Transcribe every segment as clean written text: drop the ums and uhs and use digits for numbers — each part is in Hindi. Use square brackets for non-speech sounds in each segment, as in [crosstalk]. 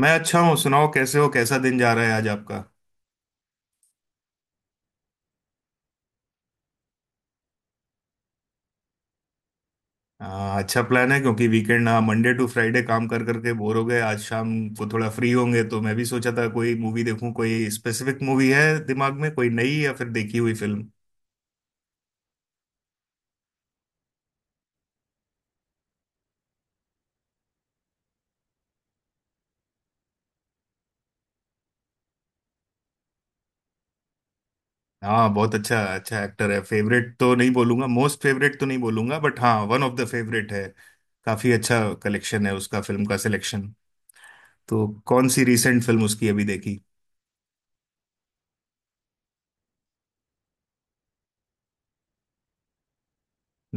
मैं अच्छा हूँ। सुनाओ, कैसे हो? कैसा दिन जा रहा है आज आपका? अच्छा प्लान है क्योंकि वीकेंड ना, मंडे टू फ्राइडे काम कर करके बोर हो गए। आज शाम को थोड़ा फ्री होंगे तो मैं भी सोचा था कोई मूवी देखूं। कोई स्पेसिफिक मूवी है दिमाग में, कोई नई या फिर देखी हुई फिल्म? हाँ, बहुत अच्छा अच्छा एक्टर है। फेवरेट तो नहीं बोलूंगा, मोस्ट फेवरेट तो नहीं बोलूंगा, बट हाँ वन ऑफ द फेवरेट है। काफी अच्छा कलेक्शन है उसका, फिल्म का सिलेक्शन। तो कौन सी रिसेंट फिल्म उसकी अभी देखी?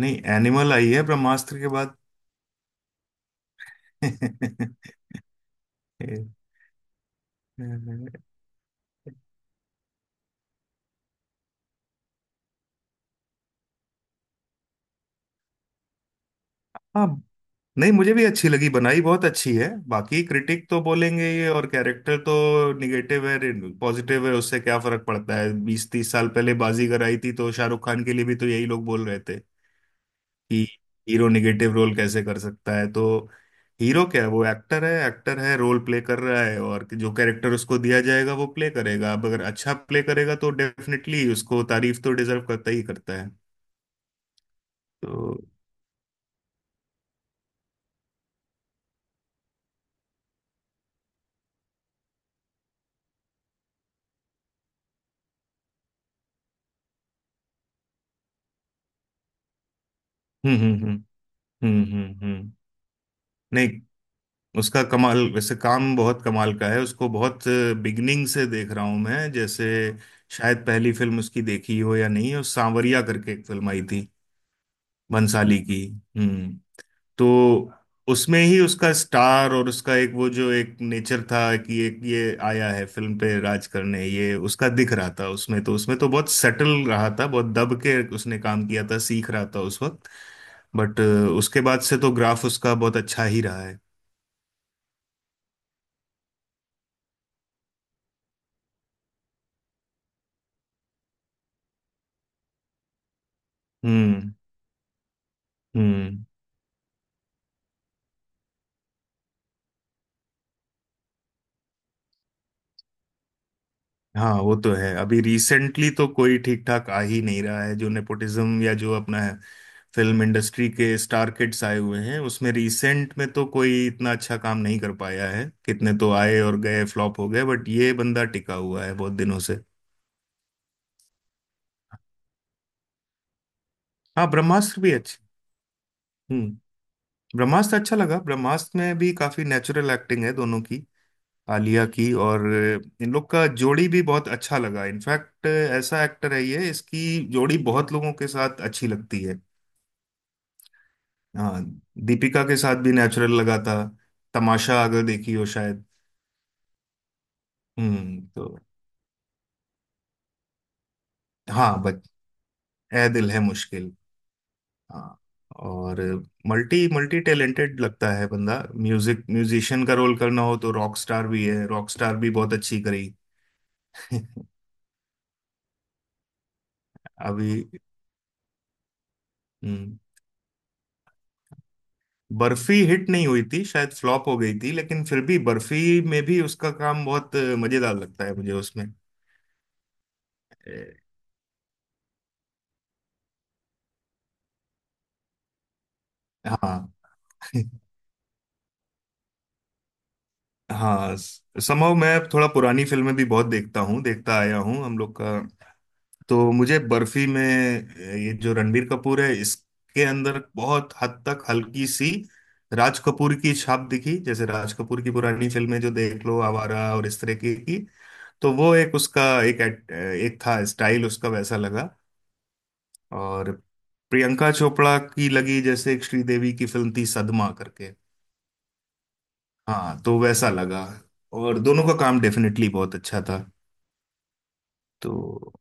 नहीं, एनिमल आई है ब्रह्मास्त्र के बाद। [laughs] हाँ। नहीं, मुझे भी अच्छी लगी। बनाई बहुत अच्छी है। बाकी क्रिटिक तो बोलेंगे ये। और कैरेक्टर तो निगेटिव है पॉजिटिव है, उससे क्या फर्क पड़ता है। 20 30 साल पहले बाजीगर आई थी तो शाहरुख खान के लिए भी तो यही लोग बोल रहे थे कि हीरो निगेटिव रोल कैसे कर सकता है। तो हीरो क्या है, वो एक्टर है। एक्टर है, रोल प्ले कर रहा है, और जो कैरेक्टर उसको दिया जाएगा वो प्ले करेगा। अब अगर अच्छा प्ले करेगा तो डेफिनेटली उसको तारीफ तो डिजर्व करता ही करता है। तो हम्म। हम्म। नहीं, उसका कमाल, वैसे काम बहुत कमाल का है उसको। बहुत बिगनिंग से देख रहा हूं मैं। जैसे शायद पहली फिल्म उसकी देखी हो या नहीं, उस सांवरिया करके एक फिल्म आई थी भंसाली की। हम्म। तो उसमें ही उसका स्टार और उसका एक वो जो एक नेचर था कि एक ये आया है फिल्म पे राज करने, ये उसका दिख रहा था उसमें तो बहुत सटल रहा था, बहुत दब के उसने काम किया था, सीख रहा था उस वक्त। बट उसके बाद से तो ग्राफ उसका बहुत अच्छा ही रहा है। हम्म हम्म। हाँ, वो तो है। अभी रिसेंटली तो कोई ठीक ठाक आ ही नहीं रहा है जो नेपोटिज्म, या जो अपना है फिल्म इंडस्ट्री के स्टार किड्स आए हुए हैं, उसमें रिसेंट में तो कोई इतना अच्छा काम नहीं कर पाया है। कितने तो आए और गए, फ्लॉप हो गए, बट ये बंदा टिका हुआ है बहुत दिनों से। हाँ, ब्रह्मास्त्र भी अच्छी। हम्म। ब्रह्मास्त्र अच्छा लगा। ब्रह्मास्त्र में भी काफी नेचुरल एक्टिंग है दोनों की, आलिया की और। इन लोग का जोड़ी भी बहुत अच्छा लगा। इनफैक्ट ऐसा एक्टर है ये, इसकी जोड़ी बहुत लोगों के साथ अच्छी लगती है। हाँ। दीपिका के साथ भी नेचुरल लगा था, तमाशा अगर देखी हो शायद। हम्म। तो हाँ, बच ए दिल है मुश्किल। हाँ। और मल्टी मल्टी टैलेंटेड लगता है बंदा। म्यूजिक म्यूजिशियन का रोल करना हो तो रॉक स्टार भी है। रॉक स्टार भी बहुत अच्छी करी। [laughs] अभी हम्म। बर्फी हिट नहीं हुई थी, शायद फ्लॉप हो गई थी, लेकिन फिर भी बर्फी में भी उसका काम बहुत मजेदार लगता है, मुझे उसमें। ए, हाँ। [laughs] हाँ समहाउ मैं थोड़ा पुरानी फिल्में भी बहुत देखता हूँ, देखता आया हूँ हम लोग का। तो मुझे बर्फी में ये जो रणबीर कपूर है, इसके अंदर बहुत हद तक हल्की सी राज कपूर की छाप दिखी। जैसे राज कपूर की पुरानी फिल्में जो देख लो, आवारा और इस तरह की तो वो एक उसका, एक एक था स्टाइल उसका, वैसा लगा। और प्रियंका चोपड़ा की लगी जैसे, एक श्रीदेवी की फिल्म थी सदमा करके, हाँ तो वैसा लगा। और दोनों का काम डेफिनेटली बहुत अच्छा था। तो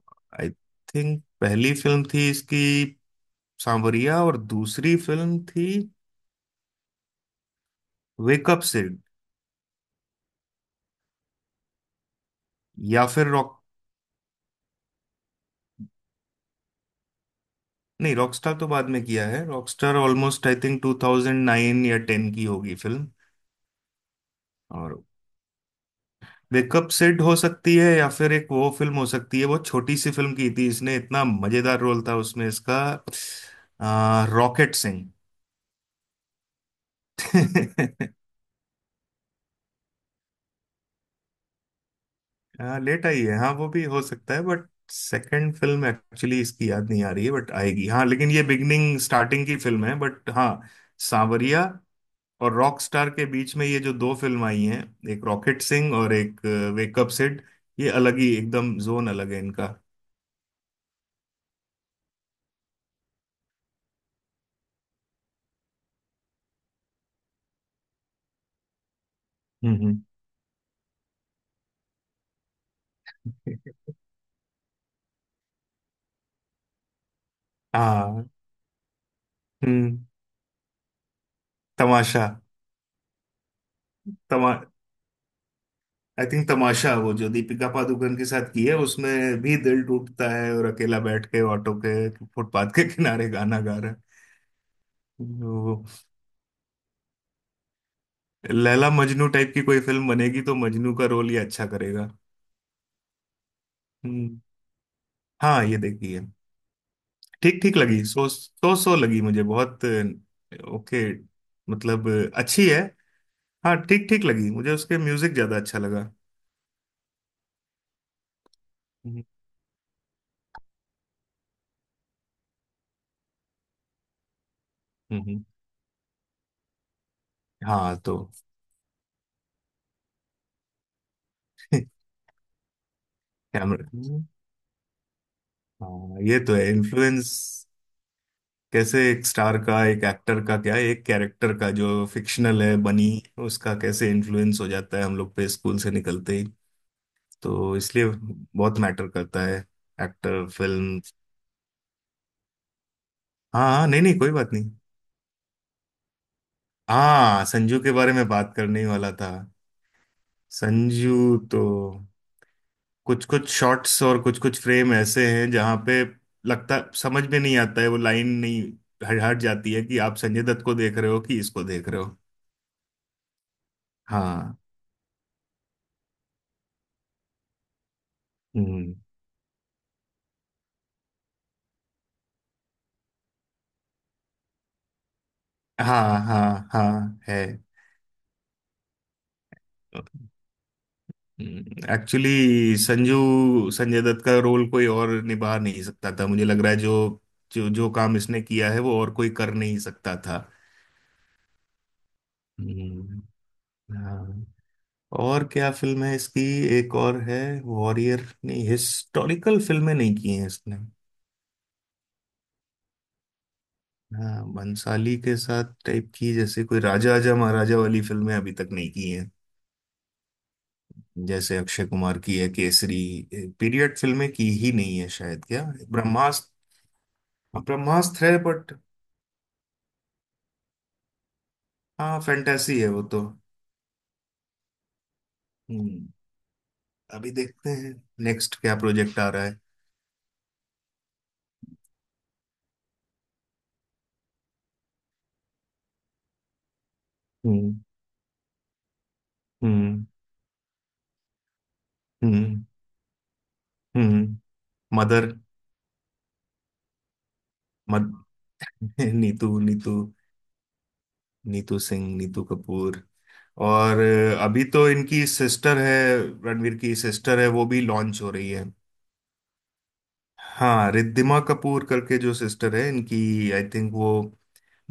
आई थिंक पहली फिल्म थी इसकी सांवरिया, और दूसरी फिल्म थी वेकअप सिड। या फिर रॉक नहीं रॉकस्टार तो बाद में किया है। रॉकस्टार ऑलमोस्ट आई थिंक 2009 या 10 की होगी फिल्म। और वेकअप सिड हो सकती है, या फिर एक वो फिल्म हो सकती है, बहुत छोटी सी फिल्म की थी इसने, इतना मजेदार रोल था उसमें इसका, रॉकेट सिंह। [laughs] हाँ लेट आई है। हाँ वो भी हो सकता है। बट सेकंड फिल्म एक्चुअली इसकी याद नहीं आ रही है, बट आएगी। हाँ लेकिन ये बिगनिंग स्टार्टिंग की फिल्म है, बट हाँ। सांवरिया और रॉक स्टार के बीच में ये जो दो फिल्म आई हैं, एक रॉकेट सिंह और एक वेकअप सिड, ये अलग ही एकदम, जोन अलग है इनका। हम्म। हाँ। हम्म। तमाशा। तमा आई थिंक तमाशा, वो जो दीपिका पादुकोण के साथ की है, उसमें भी दिल टूटता है और अकेला बैठ के ऑटो के, फुटपाथ के किनारे गाना गा रहा है। लैला मजनू टाइप की कोई फिल्म बनेगी तो मजनू का रोल ये अच्छा करेगा। हम्म। हाँ ये देखी है। ठीक ठीक लगी, सो सो लगी मुझे, बहुत ओके। मतलब अच्छी है। हाँ ठीक ठीक लगी मुझे, उसके म्यूजिक ज्यादा अच्छा लगा। हम्म। हम्म, हाँ। तो [laughs] कैमरा। हाँ, ये तो है इन्फ्लुएंस। कैसे एक स्टार का, एक एक्टर का, क्या एक कैरेक्टर का जो फिक्शनल है बनी, उसका कैसे इन्फ्लुएंस हो जाता है हम लोग पे स्कूल से निकलते ही। तो इसलिए बहुत मैटर करता है एक्टर, फिल्म। हाँ हाँ, नहीं नहीं कोई बात नहीं। हाँ, संजू के बारे में बात करने ही वाला था। संजू तो, कुछ कुछ शॉट्स और कुछ कुछ फ्रेम ऐसे हैं जहाँ पे लगता, समझ में नहीं आता है, वो लाइन नहीं हट हट जाती है कि आप संजय दत्त को देख रहे हो कि इसको देख रहे हो। हाँ। हम्म। हाँ हाँ हाँ है। एक्चुअली संजू, संजय दत्त का रोल कोई और निभा नहीं सकता था, मुझे लग रहा है। जो जो जो काम इसने किया है वो और कोई कर नहीं सकता था। हम्म, हाँ। और क्या फिल्म है इसकी, एक और है। वॉरियर, नहीं, हिस्टोरिकल फिल्में नहीं की हैं इसने। हाँ भंसाली के साथ टाइप की, जैसे कोई राजा आजा महाराजा वाली फिल्में अभी तक नहीं की हैं। जैसे अक्षय कुमार की है केसरी, पीरियड फिल्में की ही नहीं है शायद, क्या? ब्रह्मास्त्र। ब्रह्मास्त्र है बट। हाँ फैंटेसी है वो तो। हम्म। अभी देखते हैं नेक्स्ट क्या प्रोजेक्ट आ रहा है। हम्म हम्म हम्म हम्म। मदर। मद [laughs] नीतू नीतू। नीतू सिंह, नीतू कपूर। और अभी तो इनकी सिस्टर है, रणवीर की सिस्टर है, वो भी लॉन्च हो रही है। हाँ रिद्धिमा कपूर करके जो सिस्टर है इनकी, आई थिंक वो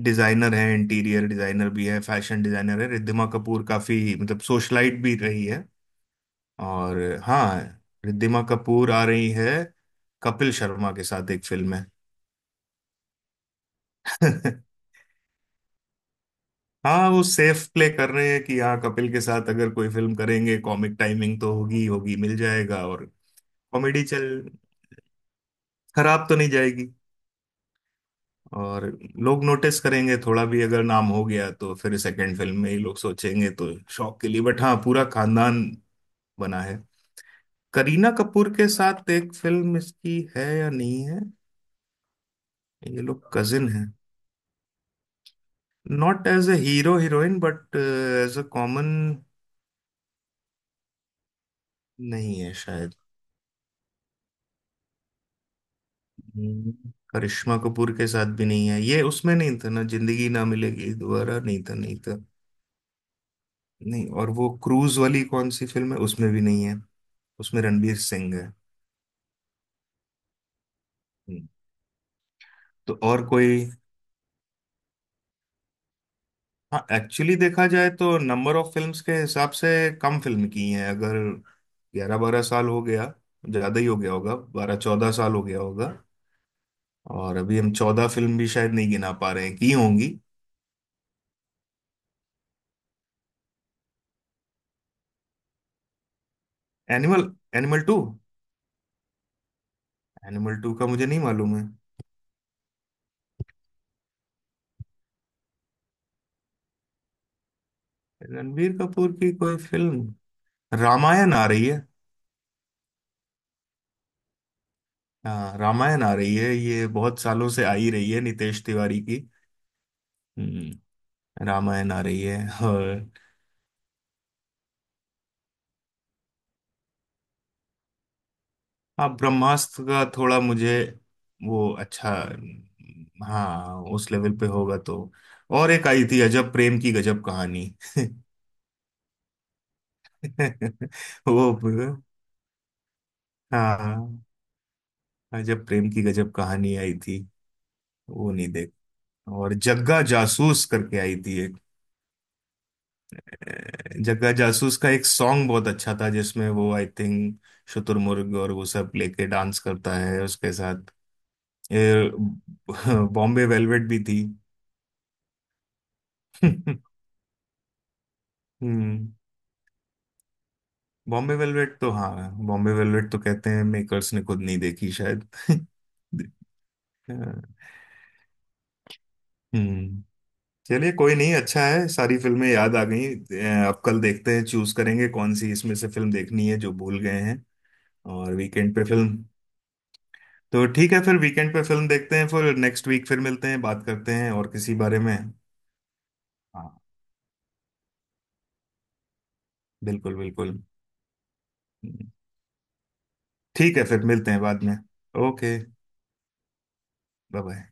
डिजाइनर है, इंटीरियर डिजाइनर भी है, फैशन डिजाइनर है। रिद्धिमा कपूर काफी, मतलब सोशलाइट भी रही है। और हाँ, रिद्धिमा कपूर आ रही है कपिल शर्मा के साथ एक फिल्म है। [laughs] हाँ वो सेफ प्ले कर रहे हैं कि हाँ, कपिल के साथ अगर कोई फिल्म करेंगे, कॉमिक टाइमिंग तो होगी होगी, मिल जाएगा। और कॉमेडी चल, खराब तो नहीं जाएगी। और लोग नोटिस करेंगे थोड़ा भी, अगर नाम हो गया तो फिर सेकंड फिल्म में ही लोग सोचेंगे। तो शौक के लिए, बट हाँ पूरा खानदान बना है। करीना कपूर के साथ एक फिल्म इसकी है या नहीं है, ये लोग cousin, not as a hero heroine but as a common. नहीं है शायद। हम्म, करिश्मा कपूर के साथ भी नहीं है ये। उसमें नहीं था ना जिंदगी ना मिलेगी दोबारा? नहीं था नहीं था। नहीं, और वो क्रूज वाली कौन सी फिल्म है उसमें भी नहीं है, उसमें रणबीर सिंह है। हम्म, तो और कोई। हाँ एक्चुअल्ली देखा जाए तो नंबर ऑफ फिल्म्स के हिसाब से कम फिल्म की हैं अगर। 11 12 साल हो गया, ज्यादा ही हो गया होगा, 12 14 साल हो गया होगा। और अभी हम 14 फिल्म भी शायद नहीं गिना पा रहे हैं की होंगी। Animal. Animal two. Animal two का मुझे नहीं मालूम है। रणबीर कपूर की कोई फिल्म, रामायण आ रही है। हाँ रामायण आ रही है, ये बहुत सालों से आ ही रही है, नितेश तिवारी की। हम्म, रामायण आ रही है। और हाँ ब्रह्मास्त्र का थोड़ा मुझे, वो अच्छा, हाँ उस लेवल पे होगा तो। और एक आई थी अजब प्रेम की गजब कहानी। [laughs] वो हाँ, हाँ, जब प्रेम की गजब कहानी आई थी। वो नहीं देख, और जग्गा जासूस करके आई थी एक। जग्गा जासूस का एक सॉन्ग बहुत अच्छा था जिसमें वो आई थिंक शुतुरमुर्ग और वो सब लेके डांस करता है उसके साथ। ए, बॉम्बे वेलवेट भी थी। [laughs] हम्म। बॉम्बे वेलवेट तो, हाँ बॉम्बे वेलवेट तो कहते हैं मेकर्स ने खुद नहीं देखी शायद। [laughs] अ, हम्म। चलिए कोई नहीं, अच्छा है सारी फिल्में याद आ गई। अब कल देखते हैं, चूज करेंगे कौन सी इसमें से फिल्म देखनी है जो भूल गए हैं। और वीकेंड पे फिल्म, तो ठीक है फिर वीकेंड पे फिल्म देखते हैं। फिर नेक्स्ट वीक फिर मिलते हैं, बात करते हैं और किसी बारे में। हाँ बिल्कुल बिल्कुल। ठीक है फिर मिलते हैं बाद में। Okay bye bye.